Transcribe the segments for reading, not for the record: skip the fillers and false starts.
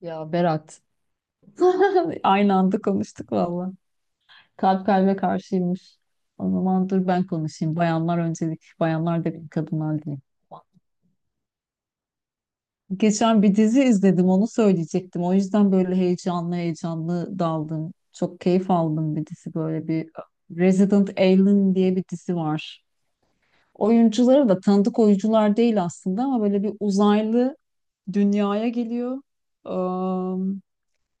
Ya Berat. Aynı anda konuştuk valla. Kalp kalbe karşıymış. O zaman dur ben konuşayım. Bayanlar öncelik. Bayanlar da bir kadınlar değil. Geçen bir dizi izledim, onu söyleyecektim. O yüzden böyle heyecanlı heyecanlı daldım. Çok keyif aldım, bir dizi böyle bir, Resident Alien diye bir dizi var. Oyuncuları da tanıdık oyuncular değil aslında, ama böyle bir uzaylı dünyaya geliyor.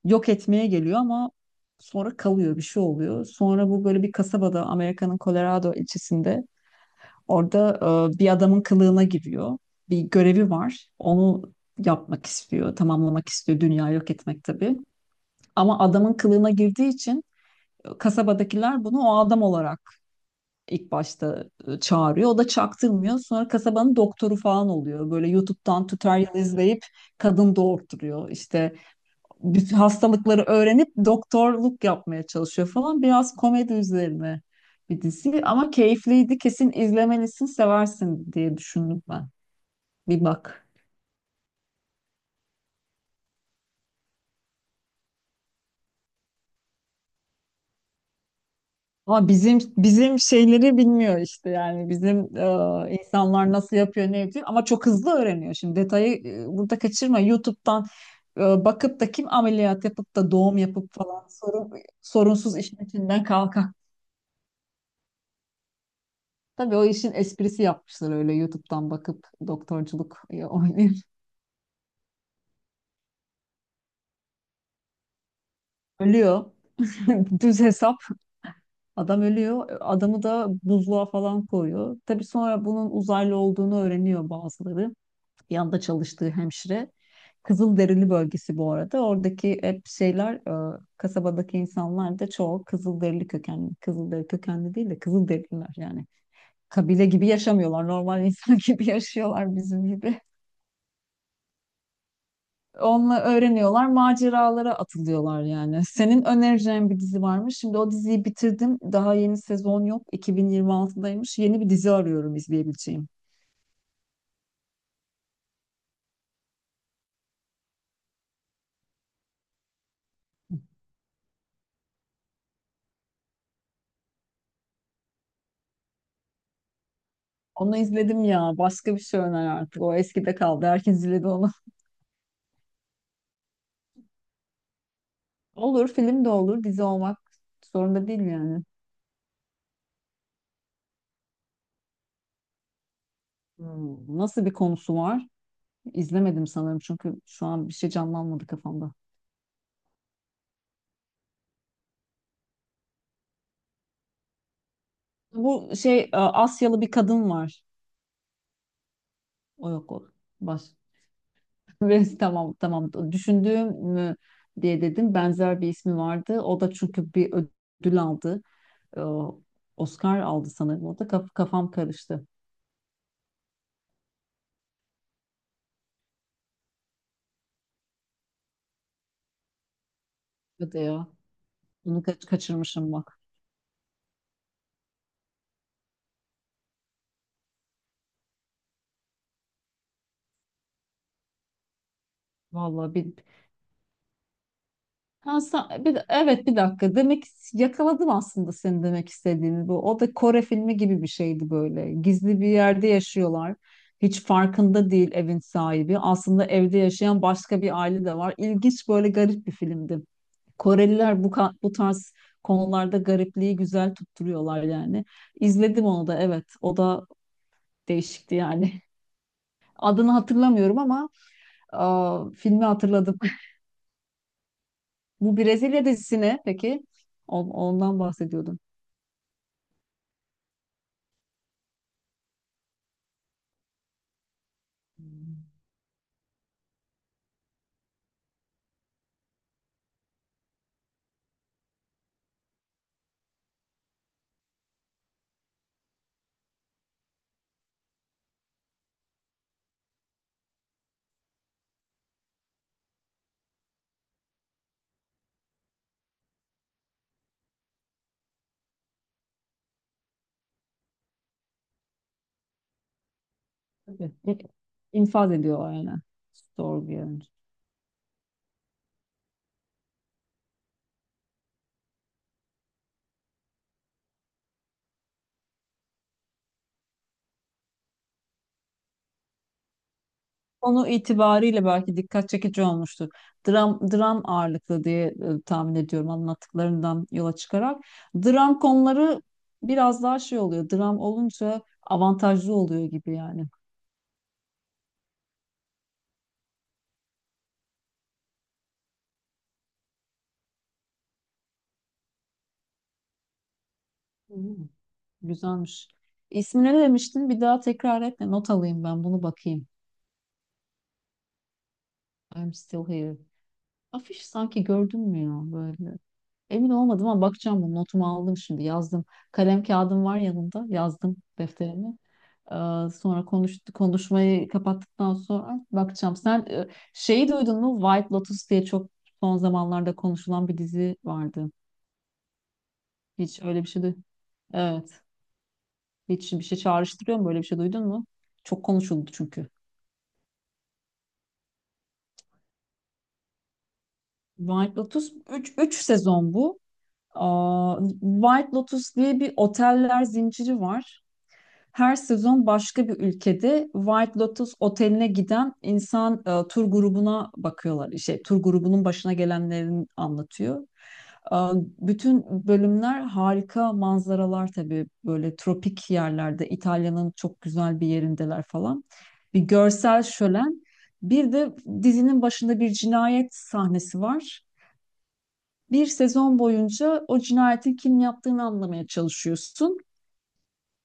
Yok etmeye geliyor ama sonra kalıyor, bir şey oluyor. Sonra bu böyle bir kasabada, Amerika'nın Colorado ilçesinde orada bir adamın kılığına giriyor. Bir görevi var. Onu yapmak istiyor, tamamlamak istiyor. Dünya yok etmek tabii. Ama adamın kılığına girdiği için kasabadakiler bunu o adam olarak ilk başta çağırıyor. O da çaktırmıyor. Sonra kasabanın doktoru falan oluyor. Böyle YouTube'dan tutorial izleyip kadın doğurtturuyor. İşte bütün hastalıkları öğrenip doktorluk yapmaya çalışıyor falan. Biraz komedi üzerine bir dizi ama keyifliydi. Kesin izlemelisin, seversin diye düşündüm ben. Bir bak. Ama bizim şeyleri bilmiyor işte, yani bizim insanlar nasıl yapıyor, ne yapıyor, ama çok hızlı öğreniyor. Şimdi detayı burada kaçırma. YouTube'dan bakıp da kim ameliyat yapıp da doğum yapıp falan, sorunsuz işin içinden kalkar. Tabii o işin esprisi, yapmışlar öyle YouTube'dan bakıp doktorculuk oynayıp. Ölüyor. Düz hesap. Adam ölüyor. Adamı da buzluğa falan koyuyor. Tabii sonra bunun uzaylı olduğunu öğreniyor bazıları. Yanında çalıştığı hemşire. Kızılderili bölgesi bu arada. Oradaki hep şeyler, e, kasabadaki insanlar da çoğu Kızılderili kökenli. Kızılderili kökenli değil de Kızılderililer yani. Kabile gibi yaşamıyorlar. Normal insan gibi yaşıyorlar, bizim gibi. Onunla öğreniyorlar, maceralara atılıyorlar yani. Senin önereceğin bir dizi var mı? Şimdi o diziyi bitirdim. Daha yeni sezon yok. 2026'daymış. Yeni bir dizi arıyorum izleyebileceğim. Onu izledim ya. Başka bir şey öner artık. O eskide kaldı. Herkes izledi onu. Olur, film de olur. Dizi olmak zorunda değil yani. Nasıl bir konusu var? İzlemedim sanırım çünkü şu an bir şey canlanmadı kafamda. Bu şey, Asyalı bir kadın var. O yok o. Baş. Ve tamam tamam düşündüğüm mü diye dedim. Benzer bir ismi vardı. O da çünkü bir ödül aldı. Ee, Oscar aldı sanırım. O da kafam karıştı. Hadi ya. Bunu kaçırmışım bak. Vallahi bir. Ha, bir, evet, bir dakika. Demek yakaladım aslında senin demek istediğini. Bu o da Kore filmi gibi bir şeydi böyle. Gizli bir yerde yaşıyorlar. Hiç farkında değil evin sahibi. Aslında evde yaşayan başka bir aile de var. İlginç, böyle garip bir filmdi. Koreliler bu tarz konularda garipliği güzel tutturuyorlar yani. İzledim onu da, evet. O da değişikti yani. Adını hatırlamıyorum ama aa, filmi hatırladım. Bu Brezilya dizisi ne peki? Ondan bahsediyordum. Hmm, tabii. İnfaz ediyor aynen. Sorguya. Konu itibariyle belki dikkat çekici olmuştur. Dram ağırlıklı diye tahmin ediyorum anlattıklarından yola çıkarak. Dram konuları biraz daha şey oluyor. Dram olunca avantajlı oluyor gibi yani. Hmm, güzelmiş. İsmi ne demiştin? Bir daha tekrar etme. Not alayım ben bunu, bakayım. I'm still here. Afiş sanki gördün mü ya böyle? Emin olmadım ama bakacağım bunu. Notumu aldım, şimdi yazdım. Kalem kağıdım var yanımda. Yazdım defterimi. Ee, sonra konuşmayı kapattıktan sonra bakacağım. Sen şeyi duydun mu? White Lotus diye çok son zamanlarda konuşulan bir dizi vardı. Hiç öyle bir şey duydun. Evet. Hiç bir şey çağrıştırıyor mu? Böyle bir şey duydun mu? Çok konuşuldu çünkü. White Lotus üç sezon bu. Aa, White Lotus diye bir oteller zinciri var. Her sezon başka bir ülkede White Lotus oteline giden tur grubuna bakıyorlar. Şey, tur grubunun başına gelenlerini anlatıyor. E, bütün bölümler harika manzaralar, tabii böyle tropik yerlerde, İtalya'nın çok güzel bir yerindeler falan. Bir görsel şölen. Bir de dizinin başında bir cinayet sahnesi var. Bir sezon boyunca o cinayetin kim yaptığını anlamaya çalışıyorsun,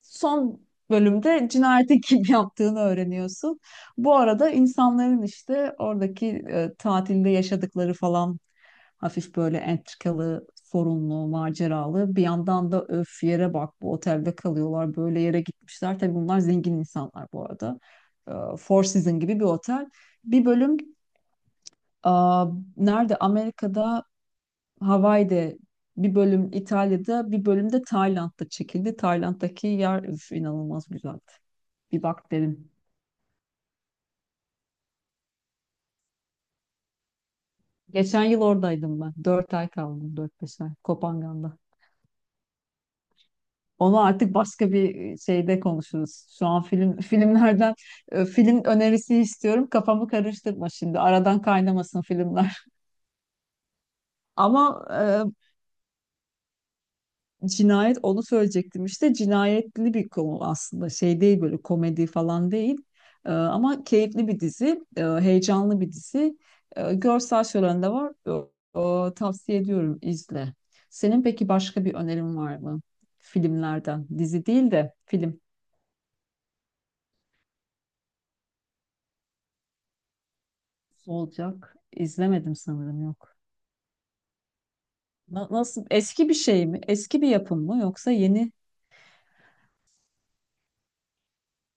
son bölümde cinayeti kim yaptığını öğreniyorsun. Bu arada insanların işte oradaki tatilde yaşadıkları falan, hafif böyle entrikalı, sorunlu, maceralı. Bir yandan da öf, yere bak bu otelde kalıyorlar, böyle yere gitmişler. Tabii bunlar zengin insanlar bu arada. E, Four Seasons gibi bir otel. Bir bölüm e, nerede? Amerika'da Hawaii'de, bir bölüm İtalya'da, bir bölüm de Tayland'da çekildi. Tayland'daki yer, üf, inanılmaz güzeldi. Bir bak derim. Geçen yıl oradaydım ben. Dört ay kaldım. Dört beş ay. Koh Phangan'da. Onu artık başka bir şeyde konuşuruz. Şu an filmlerden film önerisi istiyorum. Kafamı karıştırma şimdi. Aradan kaynamasın filmler. Ama cinayet, onu söyleyecektim işte, cinayetli bir konu aslında, şey değil böyle, komedi falan değil. Ama keyifli bir dizi, heyecanlı bir dizi. Görsel şölen de var. Tavsiye ediyorum, izle. Senin peki başka bir önerin var mı, filmlerden, dizi değil de film olacak? İzlemedim sanırım, yok. Nasıl, eski bir şey mi, eski bir yapım mı yoksa yeni?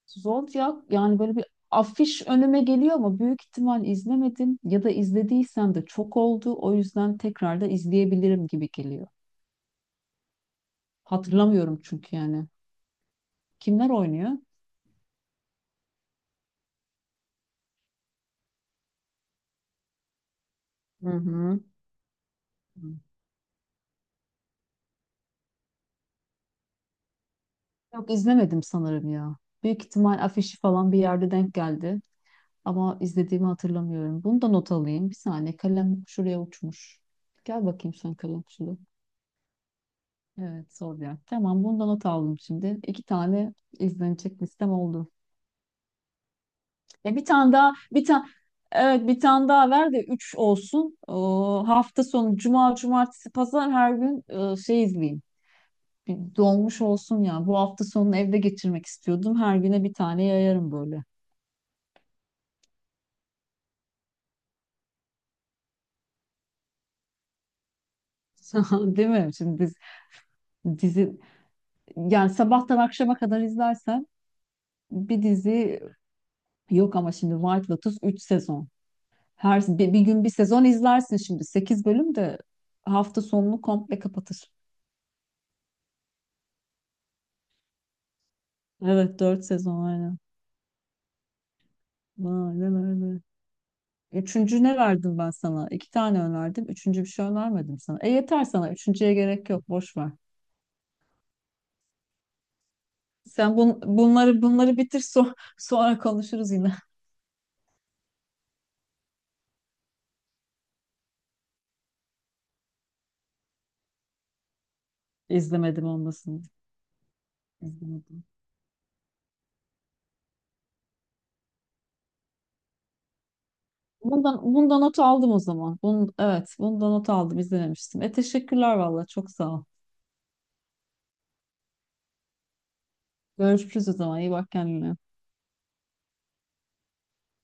Zodiac, yani böyle bir afiş önüme geliyor ama büyük ihtimal izlemedim, ya da izlediysem de çok oldu. O yüzden tekrar da izleyebilirim gibi geliyor. Hatırlamıyorum çünkü yani. Kimler oynuyor? Hı hı. Yok, izlemedim sanırım ya. Büyük ihtimal afişi falan bir yerde denk geldi ama izlediğimi hatırlamıyorum. Bunu da not alayım. Bir saniye, kalem şuraya uçmuş. Gel bakayım sen, kalem şuraya. Evet, Zodiac. Tamam, bunu da not aldım şimdi. İki tane izlenecek listem oldu. Ya bir tane daha, bir tane, evet, bir tane daha ver de 3 olsun. Hafta sonu cuma cumartesi pazar, her gün şey izleyeyim. Bir dolmuş olsun ya. Bu hafta sonunu evde geçirmek istiyordum. Her güne bir tane yayarım böyle. Değil mi? Şimdi biz dizi, yani sabahtan akşama kadar izlersen bir dizi yok ama şimdi White Lotus 3 sezon. Her bir gün bir sezon izlersin, şimdi 8 bölüm de hafta sonunu komple kapatır. Evet, dört sezon aynen. Aynen öyle. Üçüncü ne verdim ben sana? İki tane önerdim. Üçüncü bir şey önermedim sana. Yeter sana. Üçüncüye gerek yok. Boş ver. Sen bunları bitir, sonra konuşuruz yine. İzlemedim olmasın. İzlemedim. Bundan not aldım o zaman. Evet, bundan not aldım. İzlememiştim. Teşekkürler valla. Çok sağ ol. Görüşürüz o zaman. İyi bak kendine.